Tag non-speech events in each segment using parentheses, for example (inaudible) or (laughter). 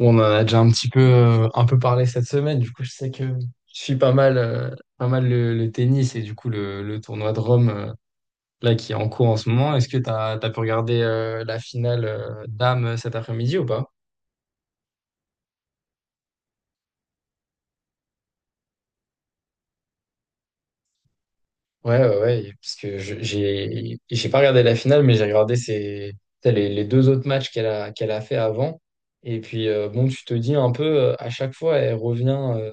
On en a déjà un petit peu, un peu parlé cette semaine. Du coup, je sais que je suis pas mal le, tennis et du coup le tournoi de Rome là qui est en cours en ce moment. Est-ce que t'as pu regarder la finale dames cet après-midi, ou pas? Ouais, ouais, ouais, parce que j'ai pas regardé la finale, mais j'ai regardé ses, t'sais, les deux autres matchs qu'elle a fait avant. Et puis, bon, tu te dis un peu, à chaque fois, elle revient, euh,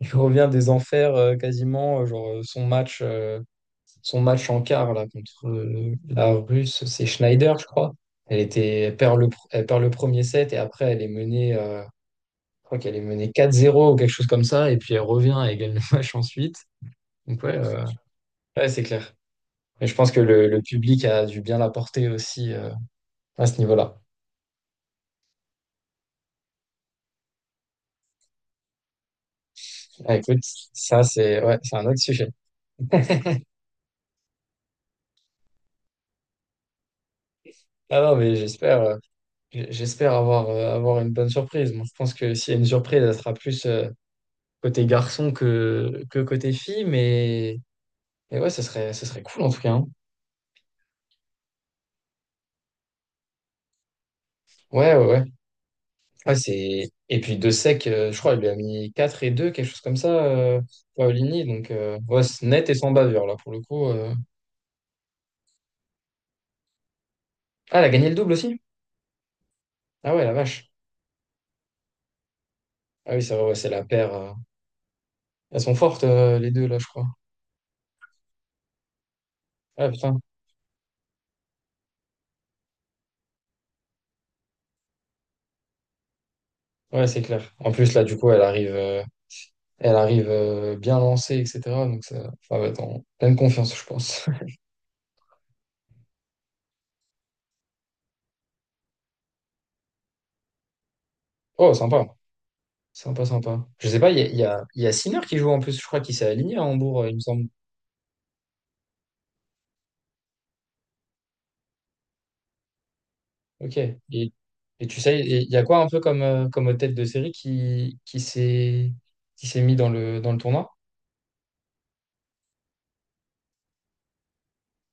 (laughs) elle revient des enfers quasiment, genre son match. Son match en quart là, contre la Russe, c'est Schneider, je crois. Elle perd elle perd le premier set et après elle est menée, je crois qu'elle est menée 4-0 ou quelque chose comme ça, et puis elle revient et gagne le (laughs) match ensuite. Donc ouais, ouais, c'est clair. Et je pense que le public a dû bien l'apporter aussi à ce niveau-là. Ah, écoute, ça c'est ouais, c'est un autre sujet. Ah non, mais j'espère avoir une bonne surprise. Moi, je pense que s'il y a une surprise, elle sera plus côté garçon que côté fille, mais Et ouais, ça serait cool en tout cas, hein. Ouais, ouais, ouais. Ouais, c'est. Et puis de sec, je crois, il lui a mis 4 et deux, quelque chose comme ça, Paolini. Donc, ouais, c'est net et sans bavure, là, pour le coup. Ah, elle a gagné le double aussi? Ah ouais, la vache. Ah oui, c'est vrai, ouais, c'est la paire. Elles sont fortes, les deux, là, je crois. Ah putain. Ouais, c'est clair. En plus, là, du coup, elle arrive bien lancée, etc. Donc, ça va être en pleine confiance, je pense. (laughs) Oh, sympa. Sympa, sympa. Je sais pas, il y a, il y a, il y a Sinner qui joue en plus, je crois qu'il s'est aligné à Hambourg, il me semble. Ok. Et tu sais, il y a quoi un peu comme, comme tête de série qui s'est mis dans le tournoi?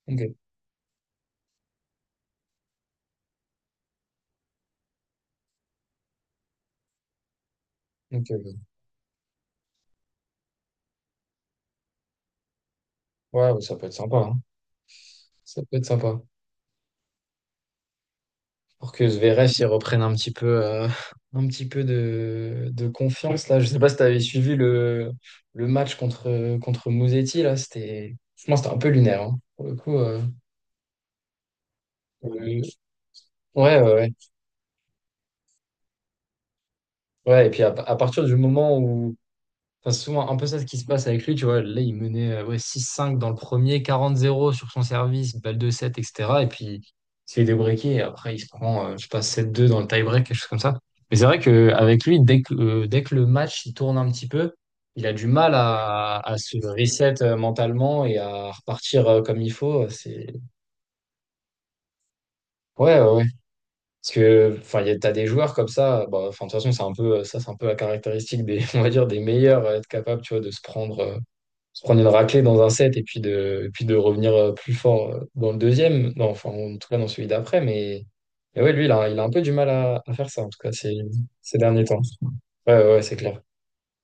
Ok. Ok, ok. Ouais, ouais, ça peut être sympa, hein. Ça peut être sympa. Pour que Zverev il reprenne un petit peu, (laughs) un petit peu de confiance là. Je sais pas si tu avais suivi le match contre Musetti là. Franchement, c'était un peu lunaire, hein. Pour le coup, euh, ouais, ouais, ouais. Ouais, et puis à partir du moment où, enfin, c'est souvent un peu ça ce qui se passe avec lui, tu vois. Là, il menait ouais, six cinq dans le premier, quarante zéro sur son service, balle de 7, etc. Et puis, il se fait et après, il se prend, je sais pas, sept deux dans le tie-break, quelque chose comme ça. Mais c'est vrai qu'avec lui, dès que le match il tourne un petit peu, il a du mal à se reset mentalement et à repartir comme il faut. C'est. Ouais, ouais, ouais. Parce que, enfin, t'as des joueurs comme ça, bah, enfin, de toute façon, c'est un peu, ça, c'est un peu la caractéristique des, (laughs) on va dire, des meilleurs, à être capable, tu vois, de se prendre, se prendre une raclée dans un set et puis de revenir plus fort dans le deuxième, non, enfin en tout cas dans celui d'après, mais ouais, lui, il a un peu du mal à faire ça, en tout cas ces derniers temps. Ouais, ouais, ouais, c'est clair.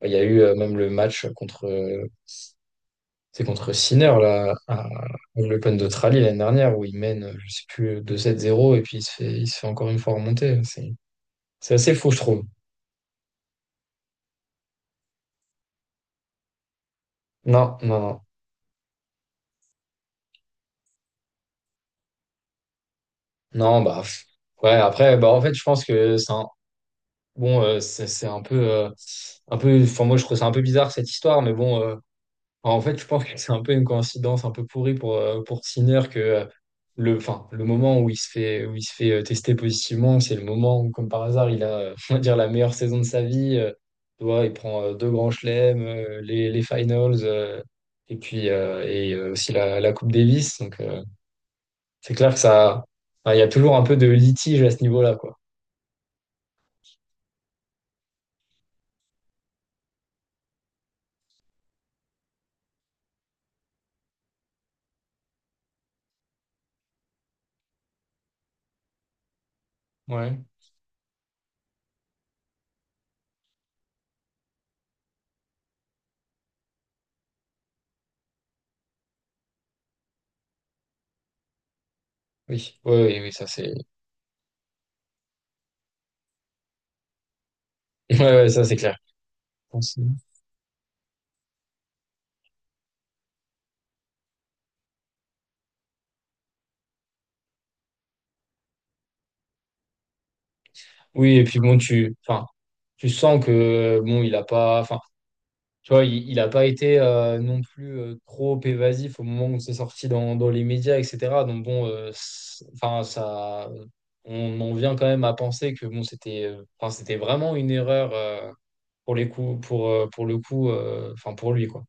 Il y a eu même le match contre Sinner, là, à l'Open d'Australie l'année dernière, où il mène, je sais plus, deux 7 zéro et puis il se fait encore une fois remonter. C'est assez fou, je trouve. Non, non, non. Non, bah, pff. Ouais, après, bah, en fait, je pense que ça. Bon, c'est un peu, un peu. Enfin, moi, je trouve ça un peu bizarre cette histoire, mais bon. Enfin, en fait, je pense que c'est un peu une coïncidence un peu pourrie pour Sinner que le, enfin, le moment où il se fait tester positivement, c'est le moment où, comme par hasard, il a, (laughs) on va dire, la meilleure saison de sa vie. Tu vois, il prend deux grands chelems, les finals, et puis aussi la Coupe Davis. Donc, c'est clair que ça, enfin, il y a toujours un peu de litige à ce niveau-là, quoi. Ouais. Oui, oui, oui, oui, ça c'est. Ouais, ouais, ça c'est clair. Je pense, oui, et puis bon, tu, enfin, tu sens que bon, il a pas, enfin, tu vois, il a pas été non plus trop évasif au moment où c'est sorti dans les médias, etc. Donc bon, enfin, ça, on en vient quand même à penser que bon, c'était vraiment une erreur pour les coups, pour le coup, enfin pour lui, quoi.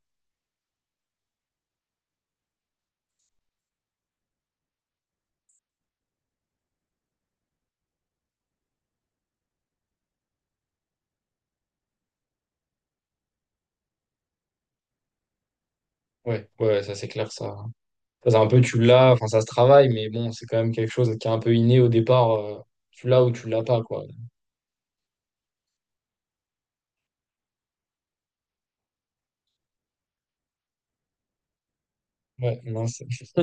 Ouais, ouais, ouais, ça c'est clair, ça. Ça, c'est un peu tu l'as, enfin ça se travaille, mais bon, c'est quand même quelque chose qui est un peu inné au départ. Tu l'as ou tu l'as pas, quoi. Ouais, non, (laughs)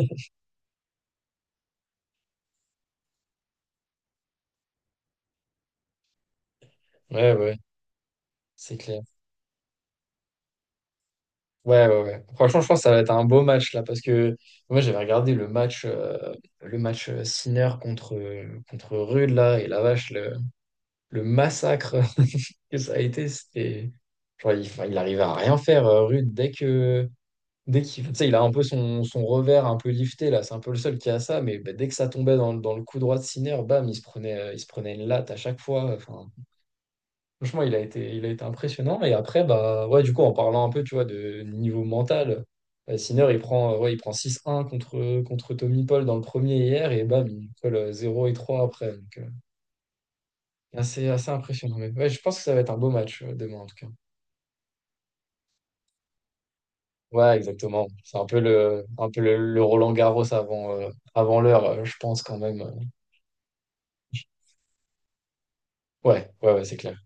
ouais, ouais, c'est clair. Ouais, ouais, ouais. Franchement, je pense que ça va être un beau match là, parce que moi j'avais regardé le match Sinner contre Rude là, et la vache, le massacre (laughs) que ça a été, c'était. Genre, il, enfin, il arrivait à rien faire, Rude, dès que. Dès qu'il, tu sais, il a un peu son revers un peu lifté là, c'est un peu le seul qui a ça, mais bah, dès que ça tombait dans le coup droit de Sinner, bam, il se prenait une latte à chaque fois. Enfin, franchement, il a été impressionnant. Et après, bah, ouais, du coup, en parlant un peu, tu vois, de niveau mental, Sinner, ouais, il prend six un contre Tommy Paul dans le premier hier, et bam, il colle 0 et 3 après. Donc, assez impressionnant. Mais ouais, je pense que ça va être un beau match, demain, en tout cas. Ouais, exactement. C'est un peu le, un peu le Roland Garros avant, avant l'heure, je pense, quand même. Ouais, ouais, ouais, c'est clair.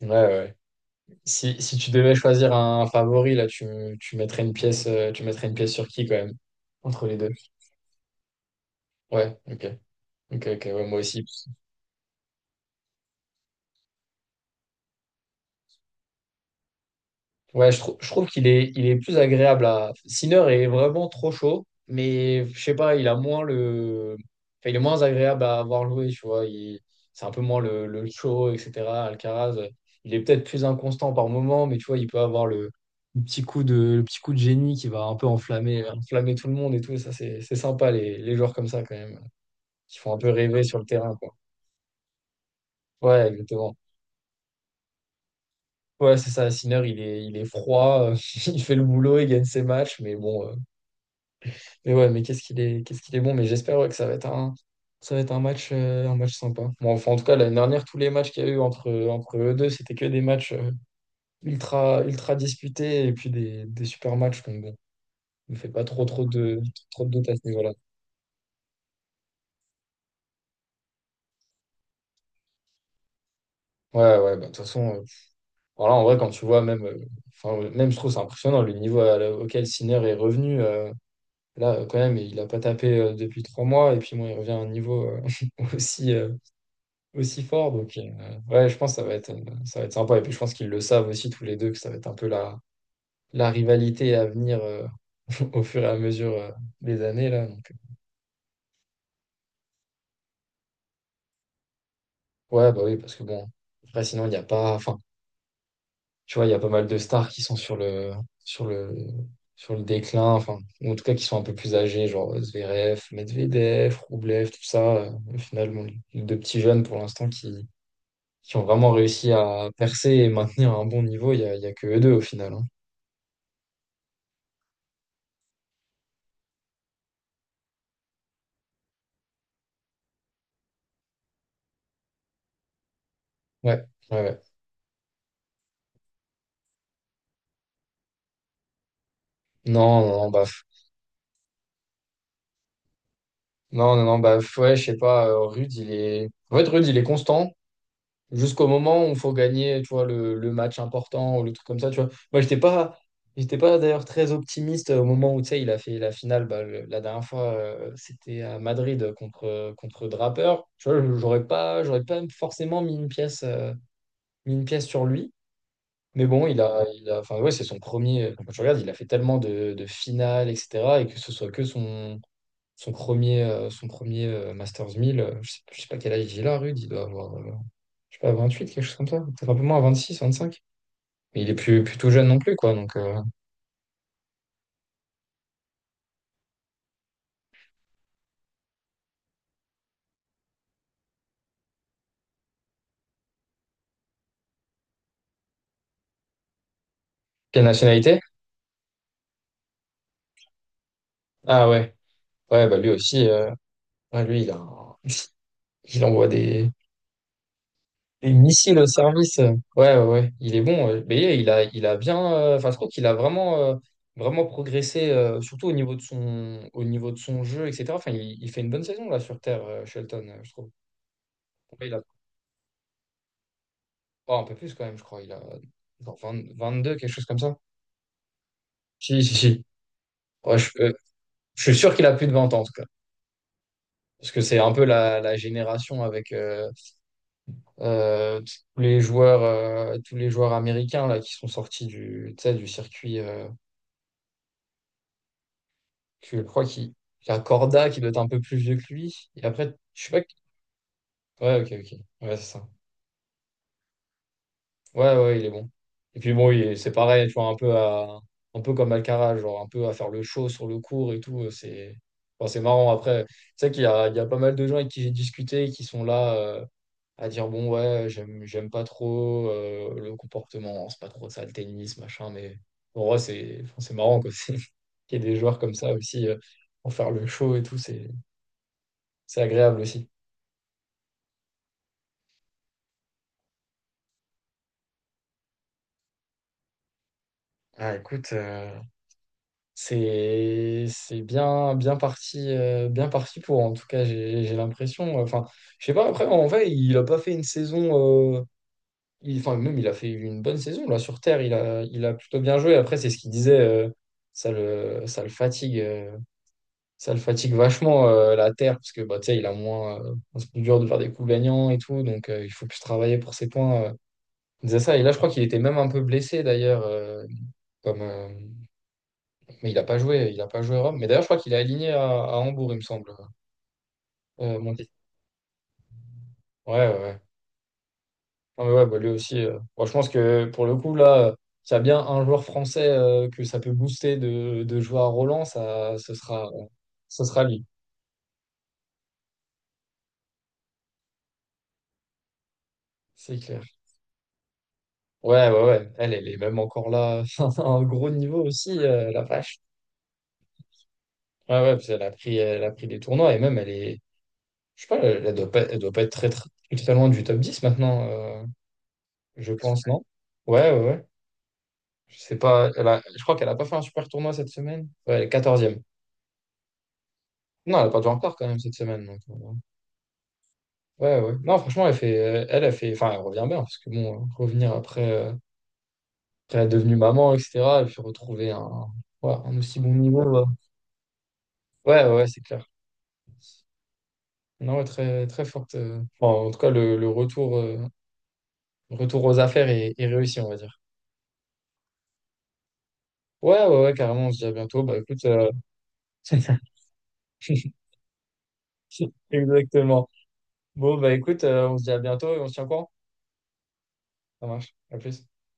Ouais, ouais, ouais. Si tu devais choisir un favori, là, tu mettrais une pièce sur qui, quand même, entre les deux? Ouais, ok. Ok, ok, ouais, moi aussi. Ouais, je, je trouve qu'il est plus agréable à. Sinner est vraiment trop chaud, mais je sais pas, il a moins le. Enfin, il est moins agréable à avoir joué, tu vois. Il. C'est un peu moins le show, etc. Alcaraz, il est peut-être plus inconstant par moment, mais tu vois, il peut avoir le petit coup de génie qui va un peu enflammer tout le monde et tout. Ça, c'est sympa, les joueurs comme ça, quand même, qui font un peu rêver sur le terrain, quoi. Ouais, exactement. Ouais, c'est ça, Sinner, il est froid, (laughs) il fait le boulot, il gagne ses matchs, mais bon, mais ouais, mais qu'est-ce qu'il est bon, mais j'espère, ouais, que ça va être un match sympa. Bon, enfin, en tout cas, l'année dernière, tous les matchs qu'il y a eu entre eux deux, c'était que des matchs ultra disputés et puis des super matchs, donc bon, ne fait pas trop de doute à ce niveau-là. Ouais, ouais, bah, de toute façon, voilà, en vrai, quand tu vois, même, même, je trouve, c'est impressionnant le niveau auquel Sinner est revenu. Là, quand même, il a pas tapé depuis 3 mois, et puis moi, il revient à un niveau (laughs) aussi, euh, aussi fort. Donc, ouais, je pense que ça va être sympa. Et puis, je pense qu'ils le savent aussi tous les deux, que ça va être un peu la rivalité à venir (laughs) au fur et à mesure des années, là. Donc, ouais, bah oui, parce que bon, après, sinon, il n'y a pas, enfin, tu vois, il y a pas mal de stars qui sont sur le, sur le déclin, enfin, ou en tout cas, qui sont un peu plus âgés, genre Zverev, Medvedev, Roublev, tout ça. Au final, bon, les deux petits jeunes pour l'instant qui ont vraiment réussi à percer et maintenir un bon niveau, il y a que eux deux au final, hein. Ouais, ouais, ouais. Non, non, non, baf. Non, non, non, baf. Ouais, je sais pas, Rude, il est. En fait, Rude, il est constant jusqu'au moment où il faut gagner, tu vois, le match important ou le truc comme ça, tu vois. Moi, j'étais pas. J'étais pas d'ailleurs très optimiste au moment où, tu sais, il a fait la finale, bah, la dernière fois, c'était à Madrid contre Draper. Tu vois, j'aurais pas forcément mis une pièce sur lui. Mais bon, il a, enfin ouais, c'est son premier. Quand tu regardes, il a fait tellement de finales, etc. Et que ce soit que son premier son premier Masters 1000 je sais pas quel âge il a, Rude, il doit avoir, je sais pas, 28 quelque chose comme ça. Peut-être un peu moins, 26 25. Mais il est plus tout jeune non plus, quoi. Donc, quelle nationalité? Ah ouais, ouais, bah lui aussi, ouais, lui, il envoie des, et missile au service, ouais, ouais, ouais, il est bon, ouais. Mais il a bien. Enfin, je trouve qu'il a vraiment progressé, surtout au niveau de son jeu, etc. Enfin, il fait une bonne saison là sur Terre, Shelton, je trouve. Ouais, il a oh, un peu plus quand même, je crois. Il a genre 20 22, quelque chose comme ça. Si, si, si. Ouais, je suis sûr qu'il a plus de 20 ans en tout cas. Parce que c'est un peu la génération avec euh, tous les joueurs américains là, qui sont sortis du, tu sais, du circuit. Que je crois qu'il y a Corda qui doit être un peu plus vieux que lui. Et après, je sais pas. Ouais, ok, ok. Ouais, c'est ça. Ouais, ouais, il est bon. Et puis bon, c'est pareil, tu vois, un peu comme Alcaraz, genre un peu à faire le show sur le court et tout. Enfin, c'est marrant. Après, c'est sais qu'il y a pas mal de gens avec qui j'ai discuté qui sont là à dire bon, ouais, j'aime pas trop le comportement, c'est pas trop ça le tennis, machin. Mais en vrai, enfin, c'est marrant quoi. (laughs) Qu'il y ait des joueurs comme ça aussi pour faire le show et tout, c'est agréable aussi. Ah, écoute, c'est bien parti pour, en tout cas j'ai l'impression, enfin je sais pas, après en vrai il a pas fait une saison enfin même il a fait une bonne saison là sur Terre, il a plutôt bien joué, après c'est ce qu'il disait, ça le ça le fatigue euh, ça le fatigue vachement la Terre, parce que bah tu sais il a moins, c'est plus dur de faire des coups gagnants et tout, donc il faut plus travailler pour ses points. Il disait ça, et là je crois qu'il était même un peu blessé d'ailleurs, comme mais il a pas joué à Rome. Mais d'ailleurs, je crois qu'il est aligné à Hambourg, il me semble. Monti. Ouais, ouais, ouais. Non, mais ouais, bah, lui aussi. Bon, je pense que pour le coup, là, s'il y a bien un joueur français que ça peut booster de jouer à Roland, ça, ce sera lui. C'est clair. Ouais, ouais, ouais. Elle est même encore là (laughs) à un gros niveau aussi, la vache. Ouais, ouais, parce qu'elle a pris des tournois et même elle est. Je sais pas, elle doit pas, elle doit pas être très, très, très loin du top 10 maintenant, je pense, non? Ouais, ouais, ouais. Je sais pas, je crois qu'elle a pas fait un super tournoi cette semaine. Ouais, elle est 14. Non, elle a perdu encore quand même cette semaine, donc ouais, ouais. Non, franchement, elle fait, enfin, elle revient bien, parce que bon, revenir après, après être devenue maman, etc. Elle fait retrouver un, ouais, un aussi bon niveau. Ouais, ouais, ouais, c'est clair. Non, ouais, très, très forte. Enfin, en tout cas, le retour, retour aux affaires est réussi, on va dire. Ouais, ouais, ouais, carrément. On se dit à bientôt. Bah écoute, (laughs) exactement. Bon, bah écoute, on se dit à bientôt et on se tient au courant. Ça marche. À plus.